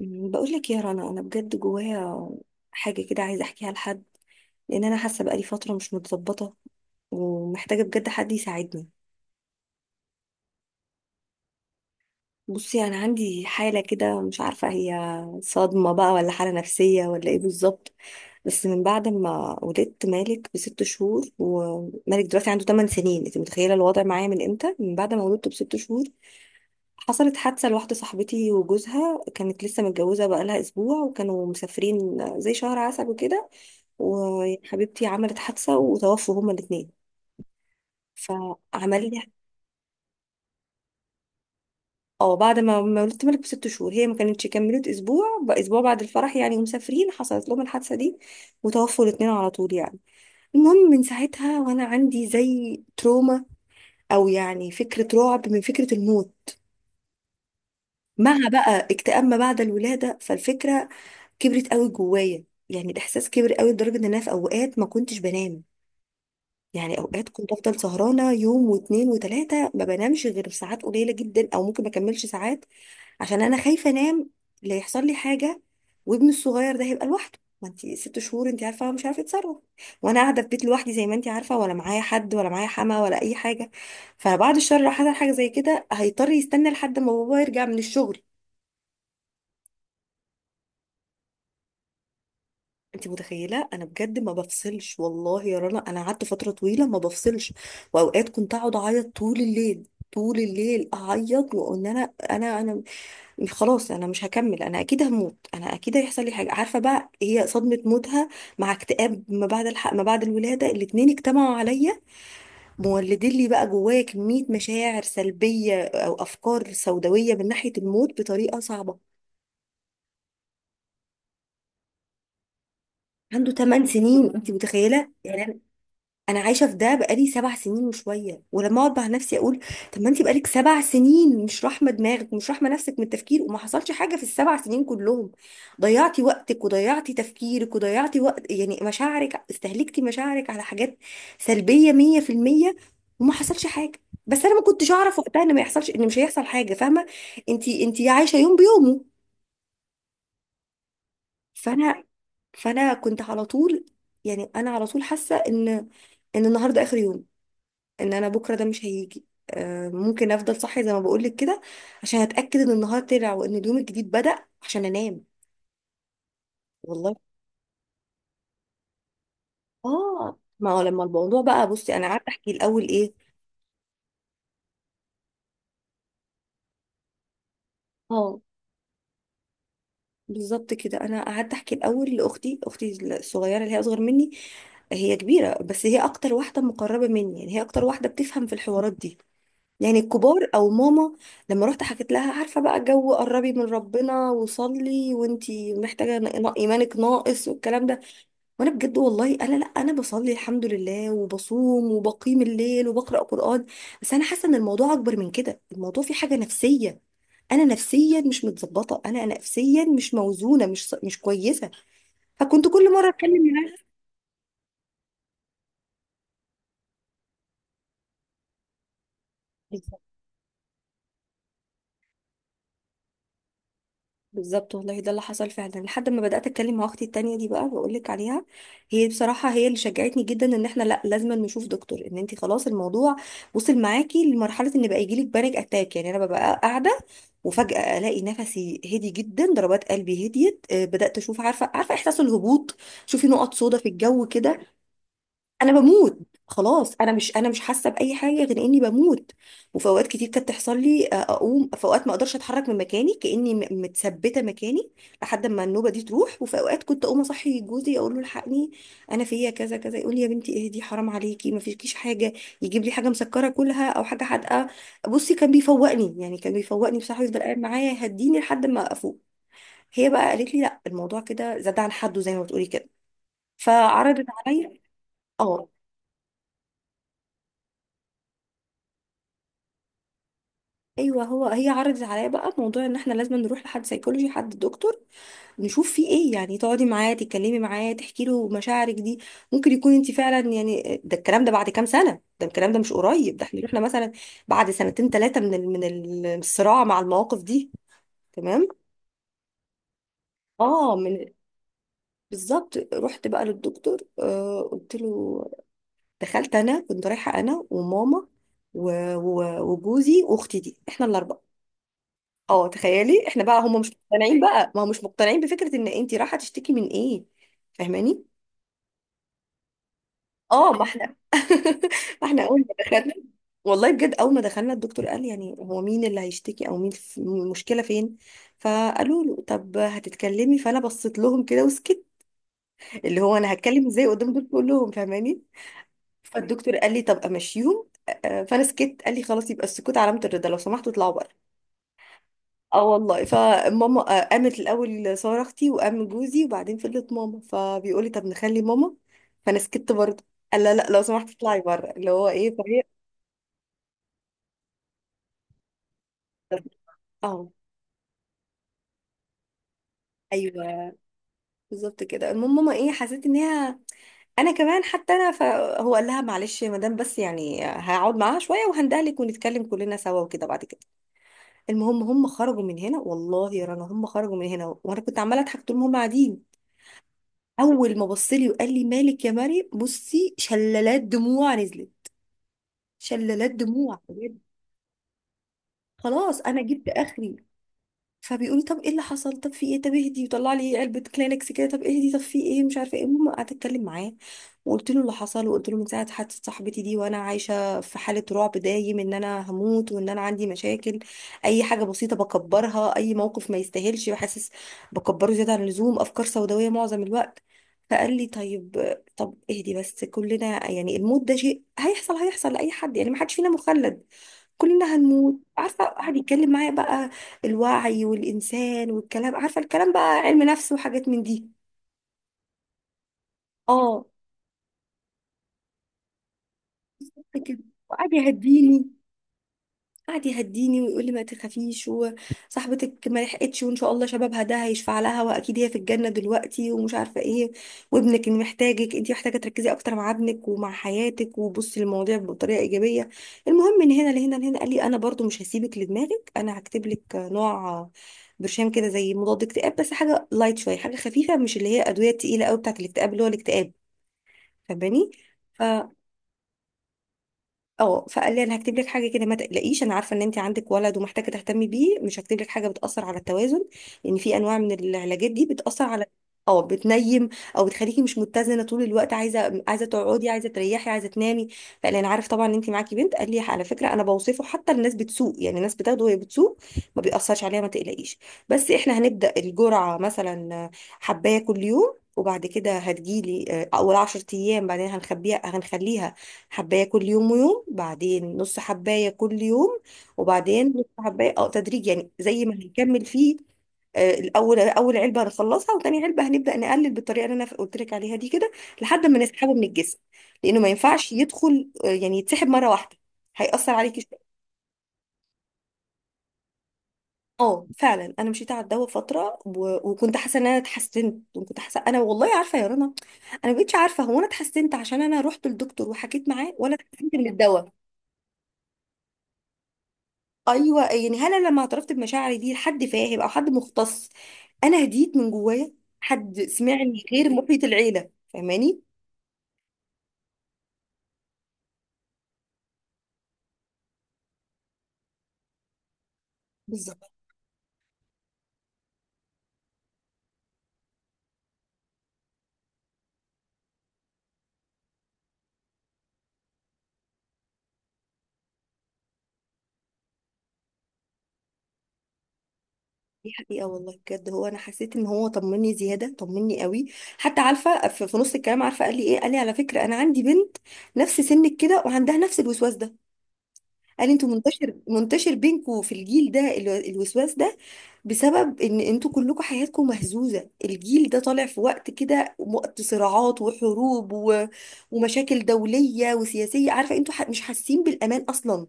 بقول لك يا رنا، انا بجد جوايا حاجه كده عايزه احكيها لحد، لان انا حاسه بقالي فتره مش متظبطه ومحتاجه بجد حد يساعدني. بصي، انا عندي حاله كده مش عارفه هي صدمه بقى ولا حاله نفسيه ولا ايه بالظبط. بس من بعد ما ولدت مالك بست شهور، ومالك دلوقتي عنده 8 سنين، انت متخيله الوضع معايا من امتى؟ من بعد ما ولدته بست شهور حصلت حادثه لواحده صاحبتي وجوزها، كانت لسه متجوزه بقالها اسبوع وكانوا مسافرين زي شهر عسل وكده، وحبيبتي عملت حادثة وتوفوا هما الاتنين. فعمل لي. اه، بعد ما ولدت ملك بست شهور، هي ما كانتش كملت اسبوع، بقى اسبوع بعد الفرح يعني ومسافرين، حصلت لهم الحادثة دي وتوفوا الاتنين على طول يعني. المهم من ساعتها وانا عندي زي تروما، او يعني فكرة رعب من فكرة الموت، مع بقى اكتئاب ما بعد الولادة، فالفكرة كبرت قوي جوايا، يعني الاحساس كبر قوي لدرجة ان انا في اوقات ما كنتش بنام. يعني اوقات كنت افضل سهرانه يوم واتنين وتلاته، ما بنامش غير ساعات قليله جدا او ممكن ما اكملش ساعات، عشان انا خايفه انام لا يحصل لي حاجه وابني الصغير ده هيبقى لوحده. ما انت 6 شهور، انت عارفه هو مش عارفه يتصرف، وانا قاعده في بيت لوحدي زي ما انت عارفه، ولا معايا حد ولا معايا حما ولا اي حاجه. فبعد الشر لو حصل حاجه زي كده هيضطر يستنى لحد ما بابا يرجع من الشغل. انت متخيله؟ انا بجد ما بفصلش والله يا رنا، انا قعدت فتره طويله ما بفصلش، واوقات كنت اقعد اعيط طول الليل، طول الليل اعيط، وان انا خلاص انا مش هكمل، انا اكيد هموت، انا اكيد هيحصل لي حاجه. عارفه بقى هي صدمه موتها مع اكتئاب ما بعد الولاده، الاتنين اجتمعوا عليا مولدين لي بقى جوايا كميه مشاعر سلبيه او افكار سوداويه من ناحيه الموت بطريقه صعبه. عنده 8 سنين انت متخيله يعني. انا عايشه في ده بقالي 7 سنين وشويه، ولما اقعد مع نفسي اقول، طب ما انت بقالك 7 سنين مش راحمه دماغك ومش راحمه نفسك من التفكير، وما حصلش حاجه في ال7 سنين كلهم، ضيعتي وقتك وضيعتي تفكيرك وضيعتي وقت يعني مشاعرك، استهلكتي مشاعرك على حاجات سلبيه 100%، وما حصلش حاجه. بس انا ما كنتش اعرف وقتها ان ما يحصلش، ان مش هيحصل حاجه. فاهمه؟ انت عايشه يوم بيومه. فانا، فانا كنت على طول يعني، انا على طول حاسه ان ان النهارده اخر يوم، ان انا بكره ده مش هيجي. ممكن افضل صاحيه زي ما بقولك كده عشان اتاكد ان النهار طلع وان اليوم الجديد بدأ عشان انام والله. اه، ما هو لما الموضوع بقى، بصي انا قعدت احكي الاول ايه. اه، بالظبط كده، انا قعدت احكي الاول لاختي، اختي الصغيره اللي هي اصغر مني، هي كبيره بس هي اكتر واحده مقربه مني، يعني هي اكتر واحده بتفهم في الحوارات دي، يعني الكبار او ماما. لما رحت حكيت لها، عارفه بقى، جو قربي من ربنا وصلي وانتي محتاجه ايمانك ناقص والكلام ده. وانا بجد والله انا، لا انا بصلي الحمد لله وبصوم وبقيم الليل وبقرا قران. بس انا حاسه ان الموضوع اكبر من كده، الموضوع فيه حاجه نفسيه، انا نفسيا مش متظبطه، انا نفسيا مش موزونه، مش كويسه. فكنت كل مره اتكلم معاها. بالظبط والله، ده اللي حصل فعلا، لحد ما بدأت اتكلم مع اختي التانية دي بقى، بقول لك عليها، هي بصراحة هي اللي شجعتني جدا ان احنا لا لازم نشوف دكتور، ان انت خلاص الموضوع وصل معاكي لمرحلة ان بقى يجيلك بانيك اتاك. يعني انا ببقى قاعدة وفجأة الاقي نفسي هدي جدا، ضربات قلبي هديت، بدأت اشوف، عارفة احساس الهبوط، شوفي نقط سودا في الجو كده. انا بموت، خلاص انا مش، انا مش حاسه باي حاجه غير اني بموت. وفي اوقات كتير كانت تحصل لي، اقوم في اوقات ما اقدرش اتحرك من مكاني، كاني متثبته مكاني لحد ما النوبه دي تروح. وفي اوقات كنت اقوم اصحي جوزي اقول له الحقني، انا فيا كذا كذا. يقول لي يا بنتي اهدي، حرام عليكي ما فيكيش حاجه. يجيب لي حاجه مسكره كلها او حاجه حادقه. بصي كان بيفوقني، يعني كان بيفوقني بصراحه، يفضل قاعد معايا يهديني لحد ما افوق. هي بقى قالت لي لا، الموضوع كده زاد عن حده زي ما بتقولي كده. فعرضت عليا. اه. ايوه، هو، هي عرضت عليا بقى موضوع ان احنا لازم نروح لحد سيكولوجي، حد دكتور، نشوف فيه ايه. يعني تقعدي معاه تتكلمي معاه تحكي له مشاعرك دي، ممكن يكون انت فعلا يعني، ده الكلام ده بعد كام سنه، ده الكلام ده مش قريب، ده احنا مثلا بعد سنتين ثلاثه من الصراع مع المواقف دي. تمام. اه من، بالظبط. رحت بقى للدكتور، قلت له، دخلت، انا كنت رايحه انا وماما وجوزي واختي دي، احنا الاربعه. اه تخيلي، احنا بقى هم مش مقتنعين بقى، ما هم مش مقتنعين بفكرة ان انت رايحة تشتكي من ايه. فاهماني؟ اه ما احنا، ما احنا اول ما دخلنا، والله بجد اول ما دخلنا، الدكتور قال يعني، هو مين اللي هيشتكي او مين المشكلة فين؟ فقالوا له طب هتتكلمي. فانا بصيت لهم كده وسكت، اللي هو انا هتكلم ازاي قدام دول كلهم؟ فاهماني؟ فالدكتور قال لي طب امشيهم. فانا سكت، قال لي خلاص يبقى السكوت علامة الرضا، لو سمحتوا اطلعوا بره. اه والله، فماما قامت الاول، ساره اختي وقام جوزي، وبعدين فضلت ماما، فبيقول لي طب نخلي ماما، فانا سكت برضه، قال لا لا، لو سمحت اطلعي بره، اللي هو ايه، فهي. اه. ايوه بالظبط كده. المهم ماما، ايه، حسيت ان هي انا كمان، حتى انا، فهو قال لها معلش يا مدام، بس يعني هقعد معاها شويه وهندهلك ونتكلم كلنا سوا وكده بعد كده. المهم هم خرجوا من هنا، والله يا رنا هم خرجوا من هنا وانا كنت عماله اضحك طول ما هم قاعدين. اول ما بص لي وقال لي مالك يا مريم، بصي شلالات دموع نزلت، شلالات دموع بجد، خلاص انا جبت اخري. فبيقول لي طب ايه اللي حصل، طب في ايه، طب اهدي، وطلع لي علبه كلينكس كده، طب اهدي، طب في ايه، مش عارفه ايه. المهم قعدت اتكلم معاه وقلت له اللي حصل، وقلت له من ساعه حادثه صاحبتي دي وانا عايشه في حاله رعب دايم ان انا هموت وان انا عندي مشاكل، اي حاجه بسيطه بكبرها، اي موقف ما يستاهلش بحسس بكبره زياده عن اللزوم، افكار سوداويه معظم الوقت. فقال لي طيب، طب اهدي بس، كلنا يعني الموت ده شيء هيحصل، هيحصل لاي حد، يعني ما حدش فينا مخلد كلنا هنموت. عارفة قعد يتكلم معايا بقى، الوعي والإنسان والكلام، عارفة الكلام بقى علم نفس وحاجات من دي. اه كده. وقعد يهديني، قعد يهديني ويقول لي ما تخافيش، وصاحبتك ما لحقتش وان شاء الله شبابها ده هيشفع لها واكيد هي في الجنه دلوقتي، ومش عارفه ايه. وابنك اللي محتاجك، انت محتاجه تركزي اكتر مع ابنك ومع حياتك وبصي للمواضيع بطريقه ايجابيه. المهم، من هنا لهنا، قال لي انا برضو مش هسيبك لدماغك، انا هكتب لك نوع برشام كده زي مضاد اكتئاب، بس حاجه لايت شويه، حاجه خفيفه، مش اللي هي ادويه تقيله قوي بتاعت الاكتئاب، اللي هو الاكتئاب. فاهماني؟ اه. فقال لي انا هكتب لك حاجه كده، ما تقلقيش، انا عارفه ان انت عندك ولد ومحتاجه تهتمي بيه، مش هكتب لك حاجه بتاثر على التوازن، لان في انواع من العلاجات دي بتاثر على، اه بتنيم او بتخليكي مش متزنه طول الوقت، عايزه تقعدي، عايزه تريحي، عايزه تنامي. فقال لي انا عارف طبعا ان انت معاكي بنت، قال لي على فكره انا بوصفه حتى الناس بتسوق، يعني الناس بتاخده وهي بتسوق، ما بيأثرش عليها، ما تقلقيش. بس احنا هنبدا الجرعه مثلا حبايه كل يوم، وبعد كده هتجيلي، اول 10 ايام بعدين هنخبيها، هنخليها حباية كل يوم ويوم، بعدين نص حباية كل يوم، وبعدين نص حباية، اه، تدريج يعني، زي ما هنكمل فيه. الاول اول علبه هنخلصها، وتاني علبه هنبدا نقلل بالطريقه اللي انا قلت لك عليها دي كده لحد ما نسحبه من الجسم، لانه ما ينفعش يدخل، يعني يتسحب مره واحده، هيأثر عليكي شويه. اه فعلا انا مشيت على الدواء فتره، وكنت حاسه ان انا اتحسنت، وكنت حاسه، انا والله عارفه يا رنا، انا ما بقتش عارفه هو انا اتحسنت عشان انا رحت للدكتور وحكيت معاه، ولا اتحسنت من الدواء. ايوه يعني، هل انا لما اعترفت بمشاعري دي لحد فاهم او حد مختص، انا هديت من جوايا، حد سمعني غير محيط العيله. فاهماني؟ بالظبط. دي حقيقة والله بجد هو، أنا حسيت إن هو طمني زيادة، طمني قوي. حتى عارفة في نص الكلام، عارفة قال لي إيه، قال لي على فكرة أنا عندي بنت نفس سنك كده وعندها نفس الوسواس ده، قال لي أنتوا منتشر بينكوا في الجيل ده الوسواس ده، بسبب ان انتوا كلكم حياتكم مهزوزة، الجيل ده طالع في وقت كده، وقت صراعات وحروب ومشاكل دولية وسياسية، عارفة انتوا مش حاسين بالامان اصلا،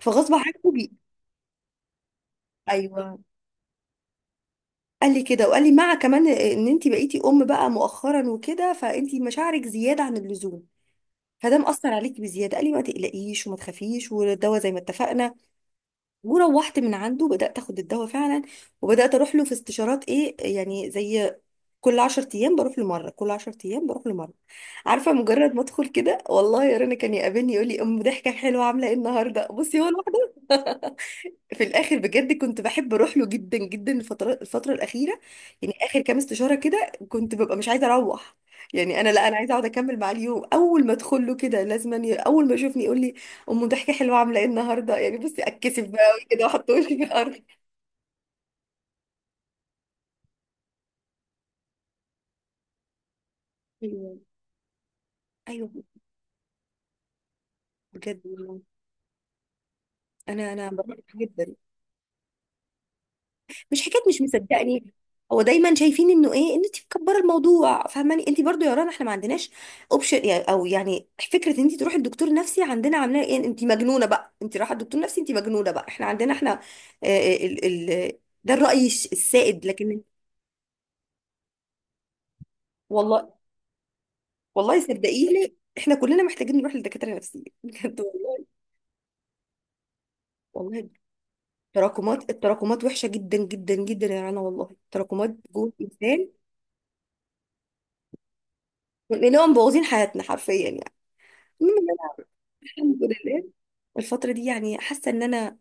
فغصب عنكم ايوه. قال لي كده، وقال لي مع كمان ان انت بقيتي ام بقى مؤخرا وكده، فانت مشاعرك زيادة عن اللزوم، فده مأثر عليكي بزيادة، قال لي ما تقلقيش وما تخافيش، والدواء زي ما اتفقنا. وروحت من عنده بدأت اخد الدواء فعلا، وبدأت اروح له في استشارات، ايه يعني، زي كل 10 ايام بروح لمره، كل 10 ايام بروح لمره. عارفه مجرد ما ادخل كده، والله يا رنا كان يقابلني يقول لي، ام ضحكه حلوه، عامله ايه النهارده، بصي هو لوحده. في الاخر بجد كنت بحب اروح له جدا جدا، الفتره الاخيره يعني، اخر كام استشاره كده كنت ببقى مش عايزه اروح، يعني انا لا، انا عايزه اقعد اكمل معاه اليوم، اول ما ادخل له كده لازم اول ما يشوفني يقول لي، ام ضحكه حلوه، عامله ايه النهارده، يعني بصي اتكسف بقى كده واحط وشي في الارض. ايوه. ايوه بجد والله انا بروح جدا. مش حكايه مش مصدقني، هو دايما شايفين انه ايه، ان انت مكبره الموضوع. فاهماني؟ انت برضو يا رنا احنا ما عندناش اوبشن يعني، او يعني فكره ان انت تروحي الدكتور نفسي عندنا عاملاه ايه، انت مجنونه بقى، انت رايحه الدكتور نفسي انت مجنونه بقى، احنا عندنا احنا، آه، ال ال ده الراي السائد، لكن والله، والله صدقيني، احنا كلنا محتاجين نروح لدكاتره نفسيين بجد والله. والله التراكمات وحشه جدا جدا جدا يا رنا والله، التراكمات جوه الانسان، لانهم مبوظين حياتنا حرفيا يعني. الحمد لله، الفترة دي يعني حاسة ان انا،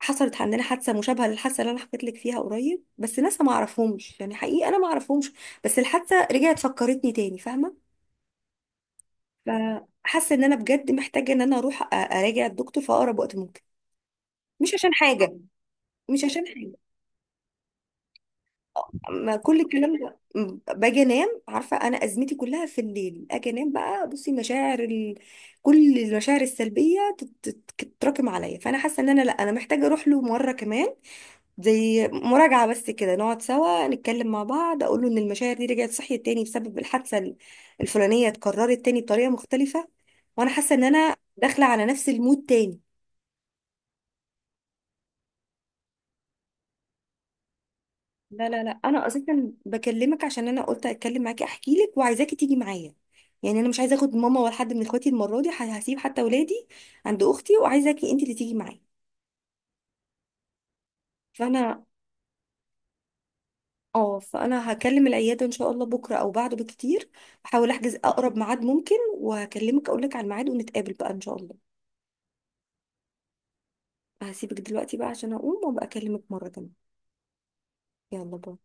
حصلت عندنا حادثة مشابهة للحادثة اللي انا حكيت لك فيها قريب، بس ناس ما اعرفهمش يعني، حقيقي انا ما اعرفهمش، بس الحادثة رجعت فكرتني تاني. فاهمة؟ فحاسة ان انا بجد محتاجة ان انا اروح اراجع الدكتور في اقرب وقت ممكن، مش عشان حاجة، مش عشان حاجة، ما كل الكلام ده باجي انام. عارفة انا ازمتي كلها في الليل، اجي انام بقى بصي مشاعر كل المشاعر السلبية تتراكم عليا، فانا حاسة ان انا لا، انا محتاجة اروح له مرة كمان، زي مراجعة بس كده، نقعد سوا نتكلم مع بعض، اقول له ان المشاعر دي رجعت صحيت تاني بسبب الحادثة الفلانية اتكررت تاني بطريقة مختلفة، وانا حاسة ان انا داخلة على نفس المود تاني. لا لا لا، انا اصلا بكلمك عشان انا قلت اتكلم معاكي احكي لك وعايزاكي تيجي معايا، يعني انا مش عايزه اخد ماما ولا حد من اخواتي المره دي، هسيب حتى ولادي عند اختي، وعايزاكي انت اللي تيجي معايا. فانا، اه فانا هكلم العياده ان شاء الله بكره او بعده بكتير، احاول احجز اقرب ميعاد ممكن، وهكلمك اقول لك على الميعاد، ونتقابل بقى ان شاء الله. هسيبك دلوقتي بقى عشان اقوم وابقى اكلمك مره تانية. يلا باي.